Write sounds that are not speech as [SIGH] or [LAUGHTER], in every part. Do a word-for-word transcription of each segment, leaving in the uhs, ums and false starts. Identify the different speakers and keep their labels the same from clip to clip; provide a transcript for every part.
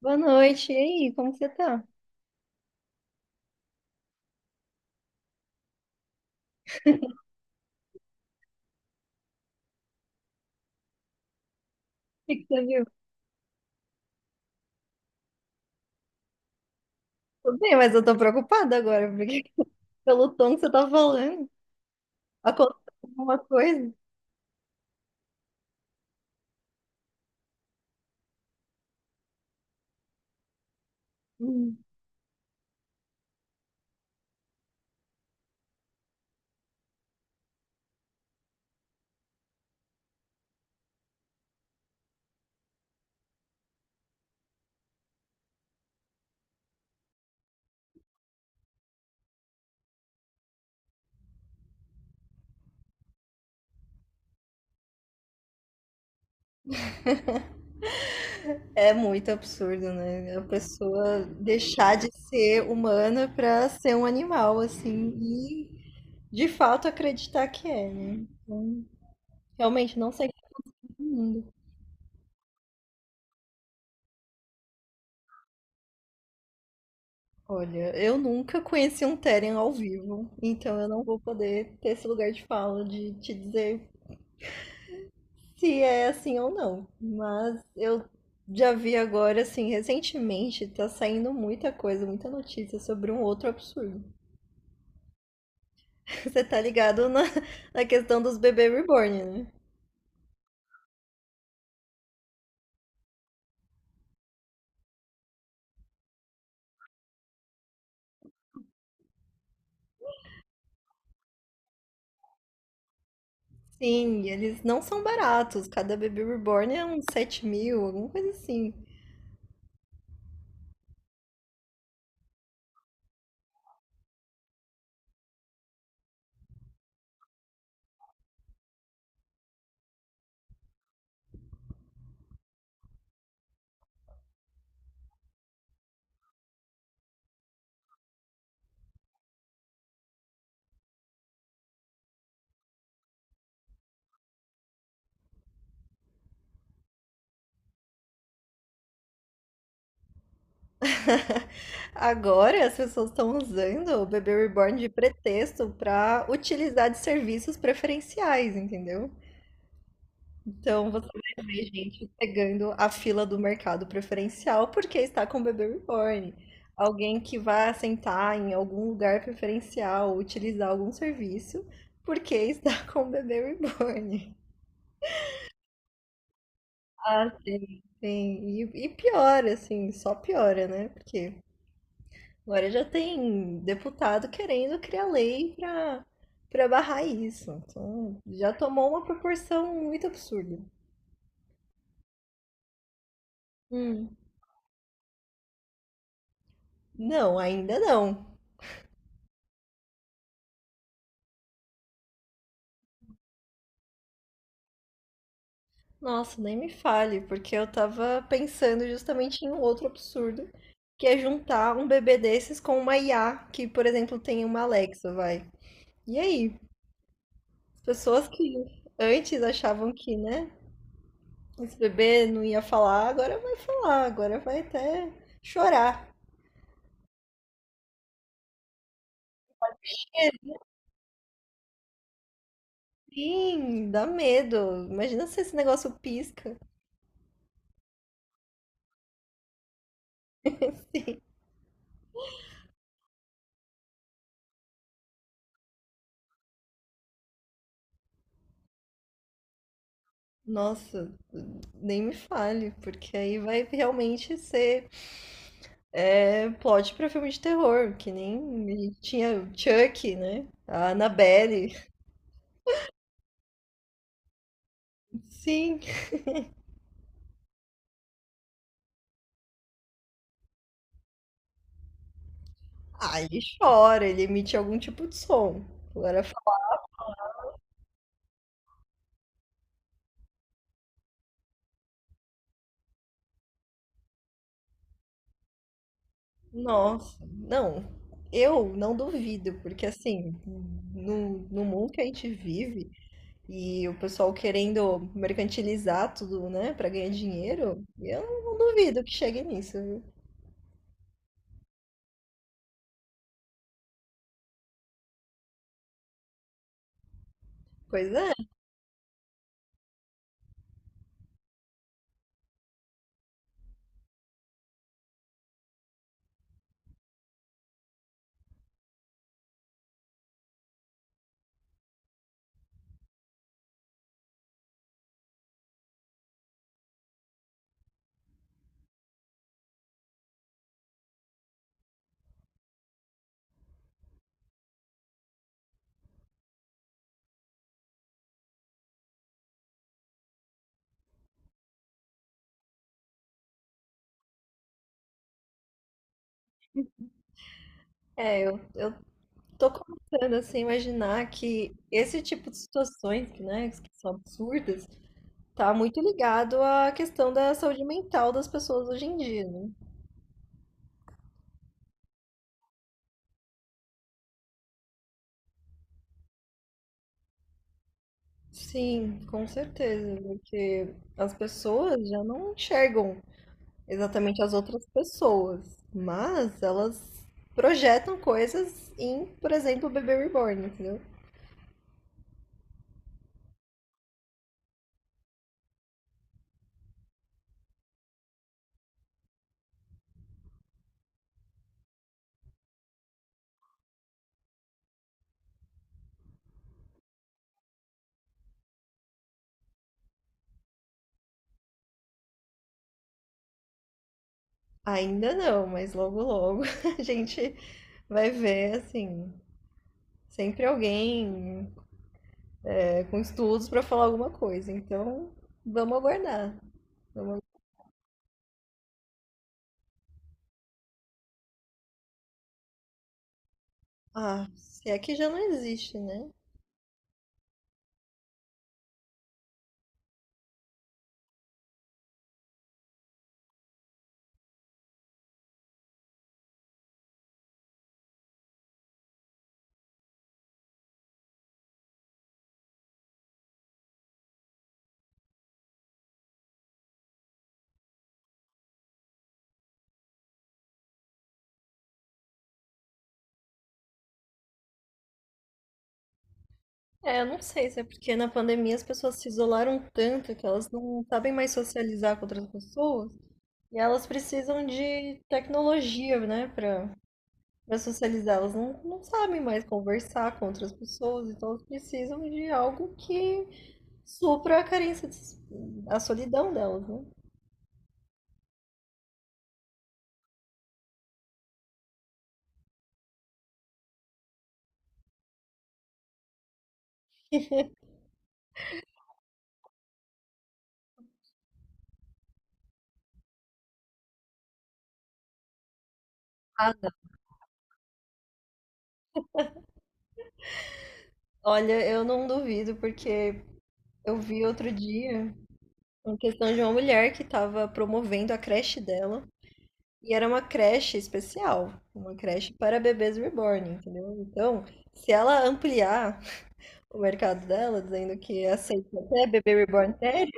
Speaker 1: Boa noite. E aí, como que você tá? O que que você viu? Tô bem, mas eu tô preocupada agora, porque [LAUGHS] pelo tom que você tá falando, aconteceu alguma coisa. Hum. É muito absurdo, né? A pessoa deixar de ser humana pra ser um animal, assim, e de fato acreditar que é, né? Então, realmente não sei todo mundo. Olha, eu nunca conheci um Teren ao vivo, então eu não vou poder ter esse lugar de fala de te dizer se é assim ou não. Mas eu já vi agora, assim, recentemente, tá saindo muita coisa, muita notícia sobre um outro absurdo. [LAUGHS] Você tá ligado na, na questão dos bebê reborn, né? Sim, eles não são baratos. Cada bebê reborn é uns sete mil, alguma coisa assim. [LAUGHS] Agora as pessoas estão usando o bebê reborn de pretexto pra utilizar de serviços preferenciais, entendeu? Então você vai ver gente pegando a fila do mercado preferencial porque está com o bebê reborn. Alguém que vai sentar em algum lugar preferencial, utilizar algum serviço porque está [LAUGHS] com o bebê reborn. Ah, sim, sim. E, e piora, assim, só piora, né? Porque agora já tem deputado querendo criar lei para para barrar isso. Então já tomou uma proporção muito absurda. Hum. Não, ainda não. Nossa, nem me fale, porque eu tava pensando justamente em um outro absurdo, que é juntar um bebê desses com uma I A, que, por exemplo, tem uma Alexa, vai. E aí? As Pessoas que antes achavam que, né, esse bebê não ia falar, agora vai falar, agora vai até chorar. É, Sim, dá medo. Imagina se esse negócio pisca. [LAUGHS] Sim. Nossa, nem me fale, porque aí vai realmente ser É plot pra filme de terror, que nem a gente tinha o Chuck, né? A Annabelle. [LAUGHS] Sim. Ah, ele chora, ele emite algum tipo de som. Agora eu, nossa, não. Eu não duvido, porque assim, no, no mundo que a gente vive e o pessoal querendo mercantilizar tudo, né, pra ganhar dinheiro, eu não duvido que chegue nisso, viu? Pois é. É, eu, eu Tô começando assim, a imaginar que esse tipo de situações, que, né, que são absurdas, tá muito ligado à questão da saúde mental das pessoas hoje em dia, né? Sim, com certeza, porque as pessoas já não enxergam exatamente as outras pessoas, mas elas projetam coisas em, por exemplo, o bebê reborn, entendeu? Ainda não, mas logo logo [LAUGHS] a gente vai ver, assim, sempre alguém. com estudos para falar alguma coisa. Então, vamos aguardar. Vamos... Ah, se é que já não existe, né? É, eu não sei se é porque na pandemia as pessoas se isolaram tanto que elas não sabem mais socializar com outras pessoas e elas precisam de tecnologia, né, para para socializar. Elas não, não sabem mais conversar com outras pessoas, então elas precisam de algo que supra a carência, de- a solidão delas, né? [LAUGHS] Ah, não. Olha, eu não duvido, porque Eu vi outro dia uma questão de uma mulher que estava promovendo a creche dela. E era uma creche especial, uma creche para bebês reborn, entendeu? Então, se ela ampliar o mercado dela, dizendo que aceita até bebê reborn sério,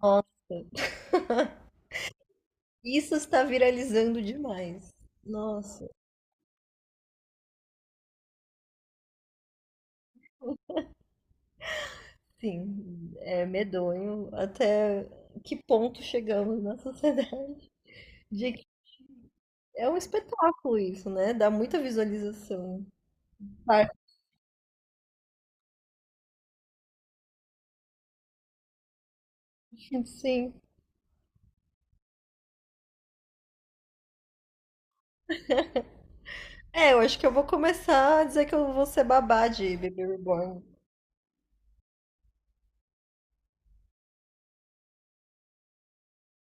Speaker 1: nossa, [LAUGHS] isso está viralizando demais. Nossa, sim, é medonho até que ponto chegamos na sociedade de que é um espetáculo isso, né? Dá muita visualização. Sim. É, eu acho que eu vou começar a dizer que eu vou ser babá de Baby Reborn.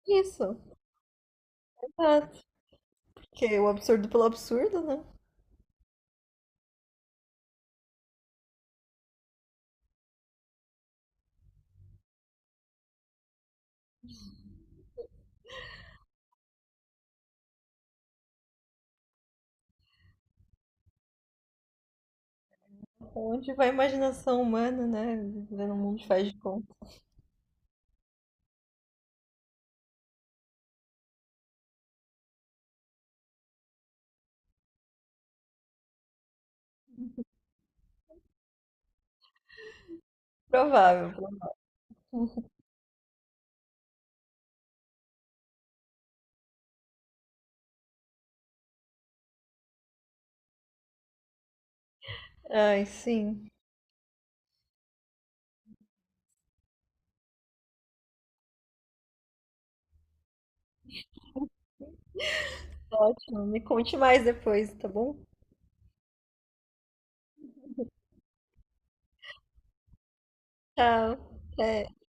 Speaker 1: Isso, exato. Porque o absurdo pelo absurdo, né? Onde vai a imaginação humana, né? Vivendo um mundo de faz de conta. Provável. Ai, sim. Ótimo. Me conte mais depois, tá bom? Tchau. Até.